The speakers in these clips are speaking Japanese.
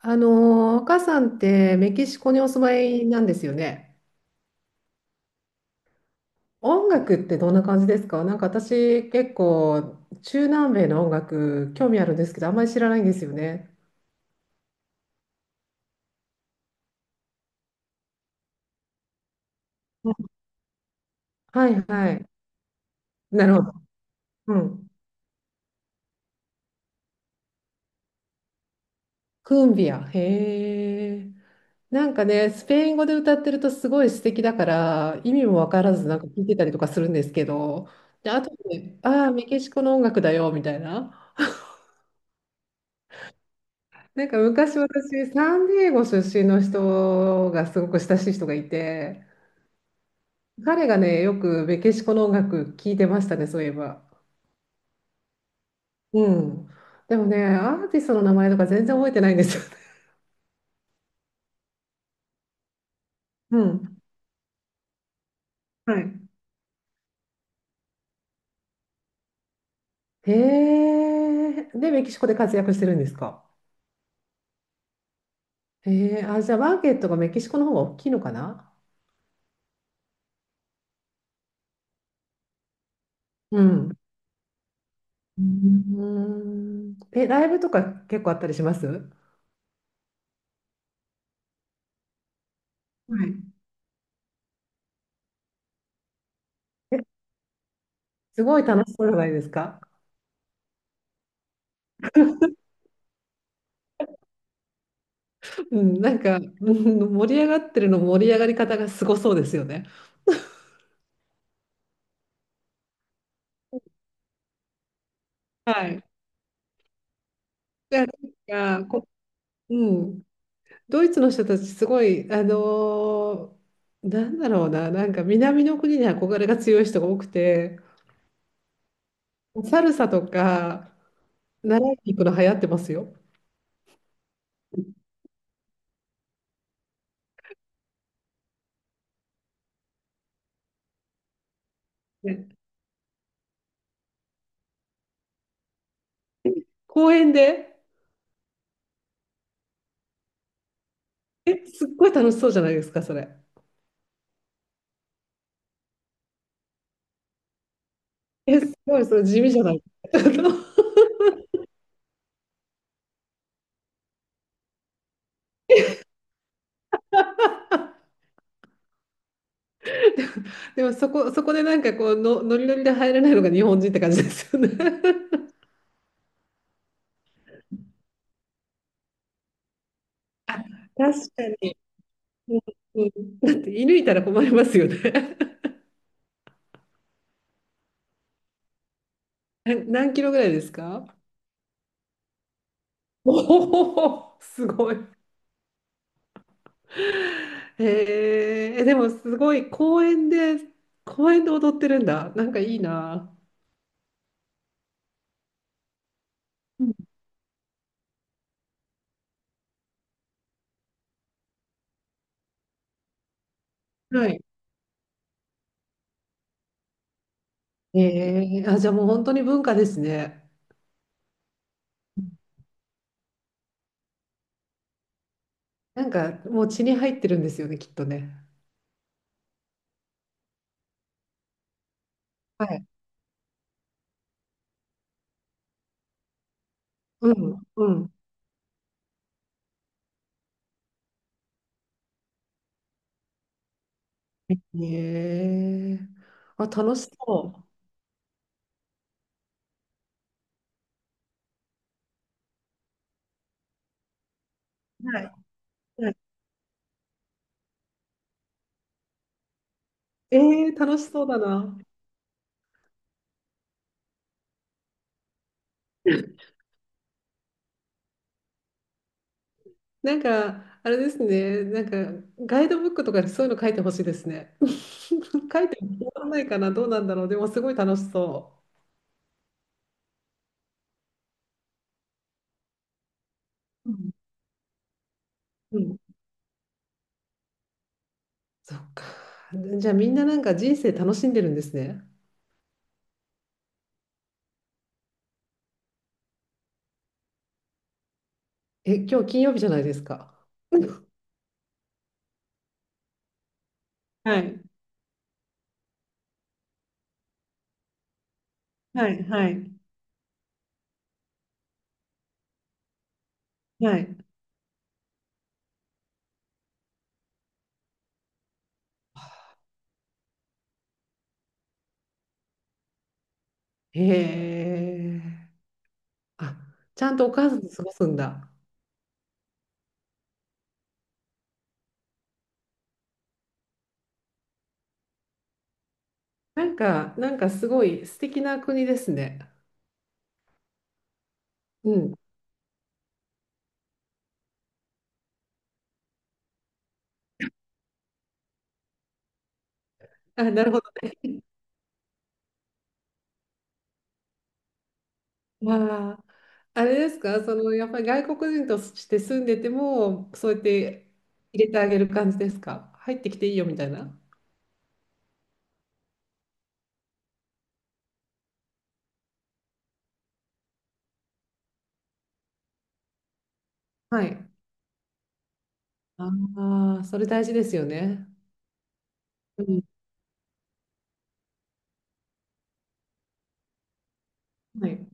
赤さんってメキシコにお住まいなんですよね。音楽ってどんな感じですか？なんか私結構中南米の音楽興味あるんですけど、あんまり知らないんですよね。はいはい。なるほど。うん。クンビア。へえ。なんかね、スペイン語で歌ってるとすごい素敵だから、意味もわからずなんか聞いてたりとかするんですけど、で、あとで、ああー、メキシコの音楽だよみたいな。なんか昔私、サンディエゴ出身の人がすごく親しい人がいて、彼がね、よくメキシコの音楽聴いてましたね、そういえば。うん。でもね、アーティストの名前とか全然覚えてないんですよね。うん。はい。へえ。で、メキシコで活躍してるんですか？へえ。あ、じゃあマーケットがメキシコの方が大きいのかな。うん。うん。え、ライブとか結構あったりしますはい。え、すごい楽しそうじゃないですか。うん、なんか、うん、盛り上がってるの盛り上がり方がすごそうですよね。はい。じゃあ、なんかこ、うん、ドイツの人たちすごい、ーなんだろうな、なんか南の国に憧れが強い人が多くて、サルサとか習いに行くの流行ってますよ。ね、公園で、え、すっごい楽しそうじゃないですか、それ。え、すごい、それ地味じゃない。でもそこ、そこでなんかこうの、ノリノリで入れないのが日本人って感じですよね。確かに。うん、うん、だって射抜いたら困りますよね。な、何キロぐらいですか？おお、すごい。へえ、え、でもすごい公園で、公園で踊ってるんだ。なんかいいな。うん、はい。ええ、あ、じゃあもう本当に文化ですね。なんかもう血に入ってるんですよね、きっとね。はい。うん、うん。ええ、あ、楽しそう。はい。はい、ええ、楽しそうだな。なんか、あれですね、なんか、ガイドブックとかにそういうの書いてほしいですね。書いてもらわないかな、どうなんだろう。でも、すごい楽しそう、うん、うん。そっか。じゃあ、みんななんか人生楽しんでるんですね。え、今日金曜日じゃないですか。はい、はい、はい、はい。へえ。あ、ちゃんとお母さんと過ごすんだ。なんか、なんかすごい素敵な国ですね。うん。あ、なるほど。まあ、あれですか、そのやっぱり外国人として住んでても、そうやって入れてあげる感じですか？入ってきていいよみたいな。はい。ああ、それ大事ですよね。うん。はい。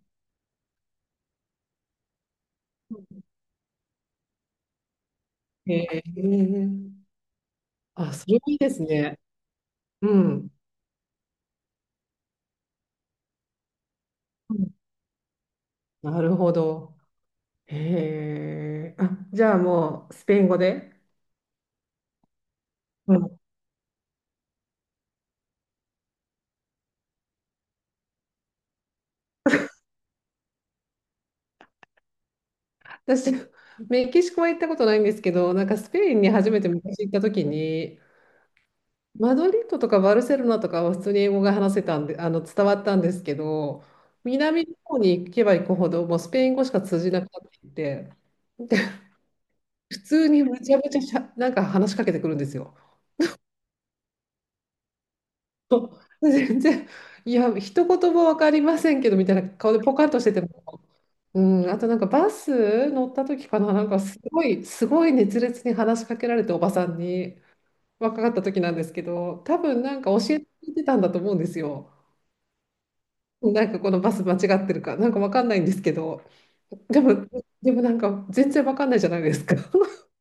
へえ。あ、それもいいですね。うん。うん、なるほど。へえ。あ、じゃあもうスペイン語で。うん、私、メキシコは行ったことないんですけど、なんかスペインに初めて昔行った時に、マドリッドとかバルセロナとかは普通に英語が話せたんで、あの、伝わったんですけど、南の方に行けば行くほど、もうスペイン語しか通じなくなってきて、普通にむちゃむちゃしゃ、なんか話しかけてくるんですよ。全然、いや、一言も分かりませんけどみたいな顔でポカンとしてても、うん、あとなんかバス乗った時かな、なんかすごい、すごい熱烈に話しかけられて、おばさんに、若かった時なんですけど、多分なんか教えてくれてたんだと思うんですよ。なんかこのバス間違ってるか、なんかわかんないんですけど、でも、でもなんか全然わかんないじゃないですか。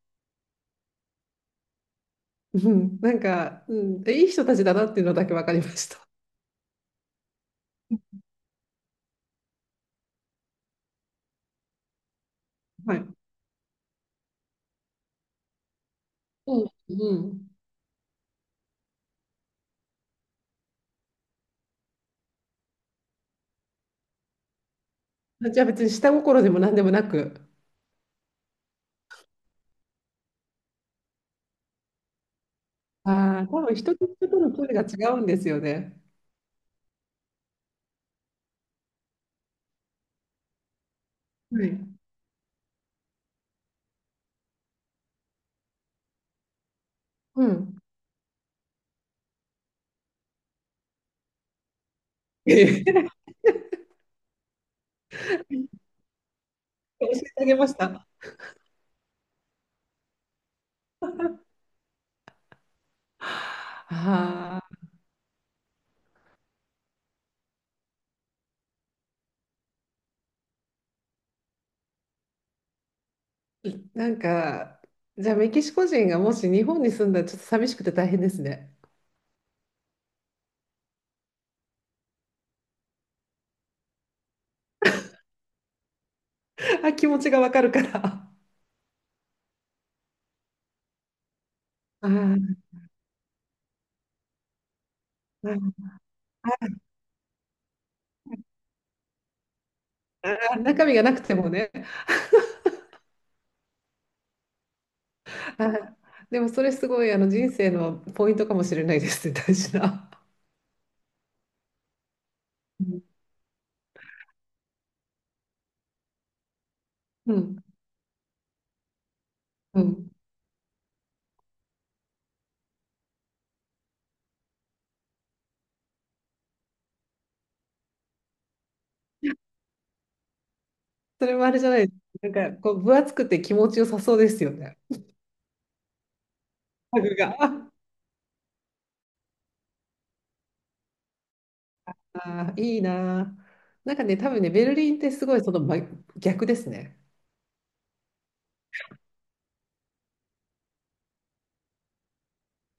うん、なんか、うん、いい人たちだなっていうのだけわかりました。はい。うん、うん。じゃあ別に下心でも何でもなく、ああ、多分人と人との距離が違うんですよね。はい。うん。教えてあげました。ああ、なんか、じゃあメキシコ人がもし日本に住んだらちょっと寂しくて大変ですね。あ、気持ちがわかるから。ああ。はい、あー、中身がなくてもね。はい、でもそれすごいあの人生のポイントかもしれないですね、大事な。うん、うん。うん、それもあれじゃないです。なんかこう分厚くて気持ちよさそうですよね。家具が。ああー、いいなー。なんかね、多分ね、ベルリンってすごいその真逆ですね。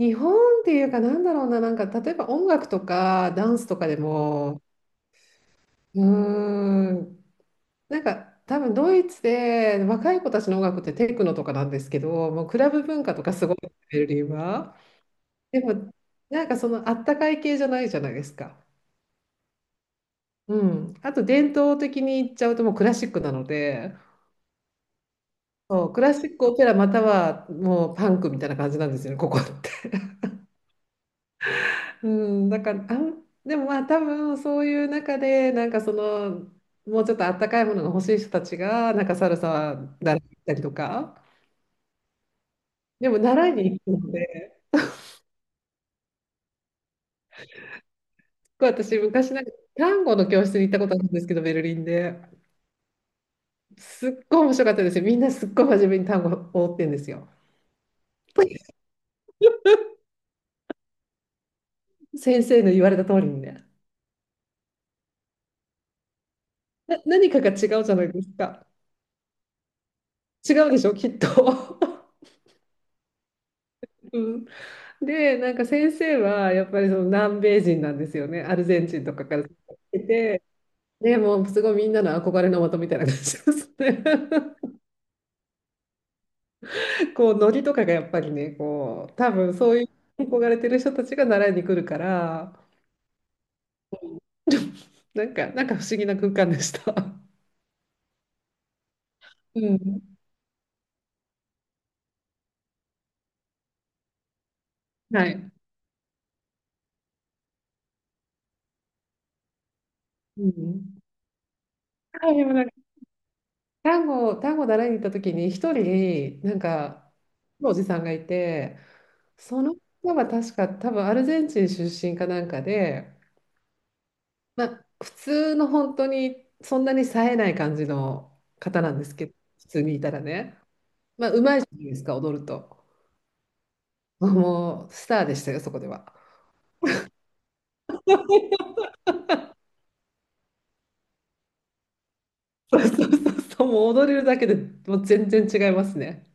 日本っていうかなんだろうな、なんか例えば音楽とかダンスとかでも、うーん、なんか多分ドイツで若い子たちの音楽ってテクノとかなんですけど、もうクラブ文化とかすごいベルリンは。でもなんかそのあったかい系じゃないじゃないですか。うん。あと伝統的に言っちゃうともうクラシックなので、そう、クラシックオペラまたはもうパンクみたいな感じなんですよね、ここって。うん、だから、あん、でもまあ多分そういう中でなんかそのもうちょっとあったかいものが欲しい人たちがなんかサルサ習ったりとか。でも習いに行くので。構私昔なんか単語の教室に行ったことあるんですけど、ベルリンで。すっごい面白かったですよ。みんなすっごい真面目に単語を追ってんですよ。先生の言われた通りにね。な、何かが違うじゃないですか。違うでしょ、きっと。うん、で、なんか先生はやっぱりその南米人なんですよね。アルゼンチンとかから来てて。でもうすごいみんなの憧れの的みたいな感じですね。こうノリとかがやっぱりね、こう多分そういう憧れてる人たちが習いに来るから、なんか、なんか不思議な空間でした。うん。はい。うん。はい、でもなんか、単語、単語習いに行った時に、一人、なんか、おじさんがいて、その方は確か、多分アルゼンチン出身かなんかで、まあ、普通の本当に、そんなに冴えない感じの方なんですけど、普通にいたらね、いいですか、踊ると。もう、スターでしたよ、そこでは。そうそうそうそう、もう踊れるだけでもう全然違いますね。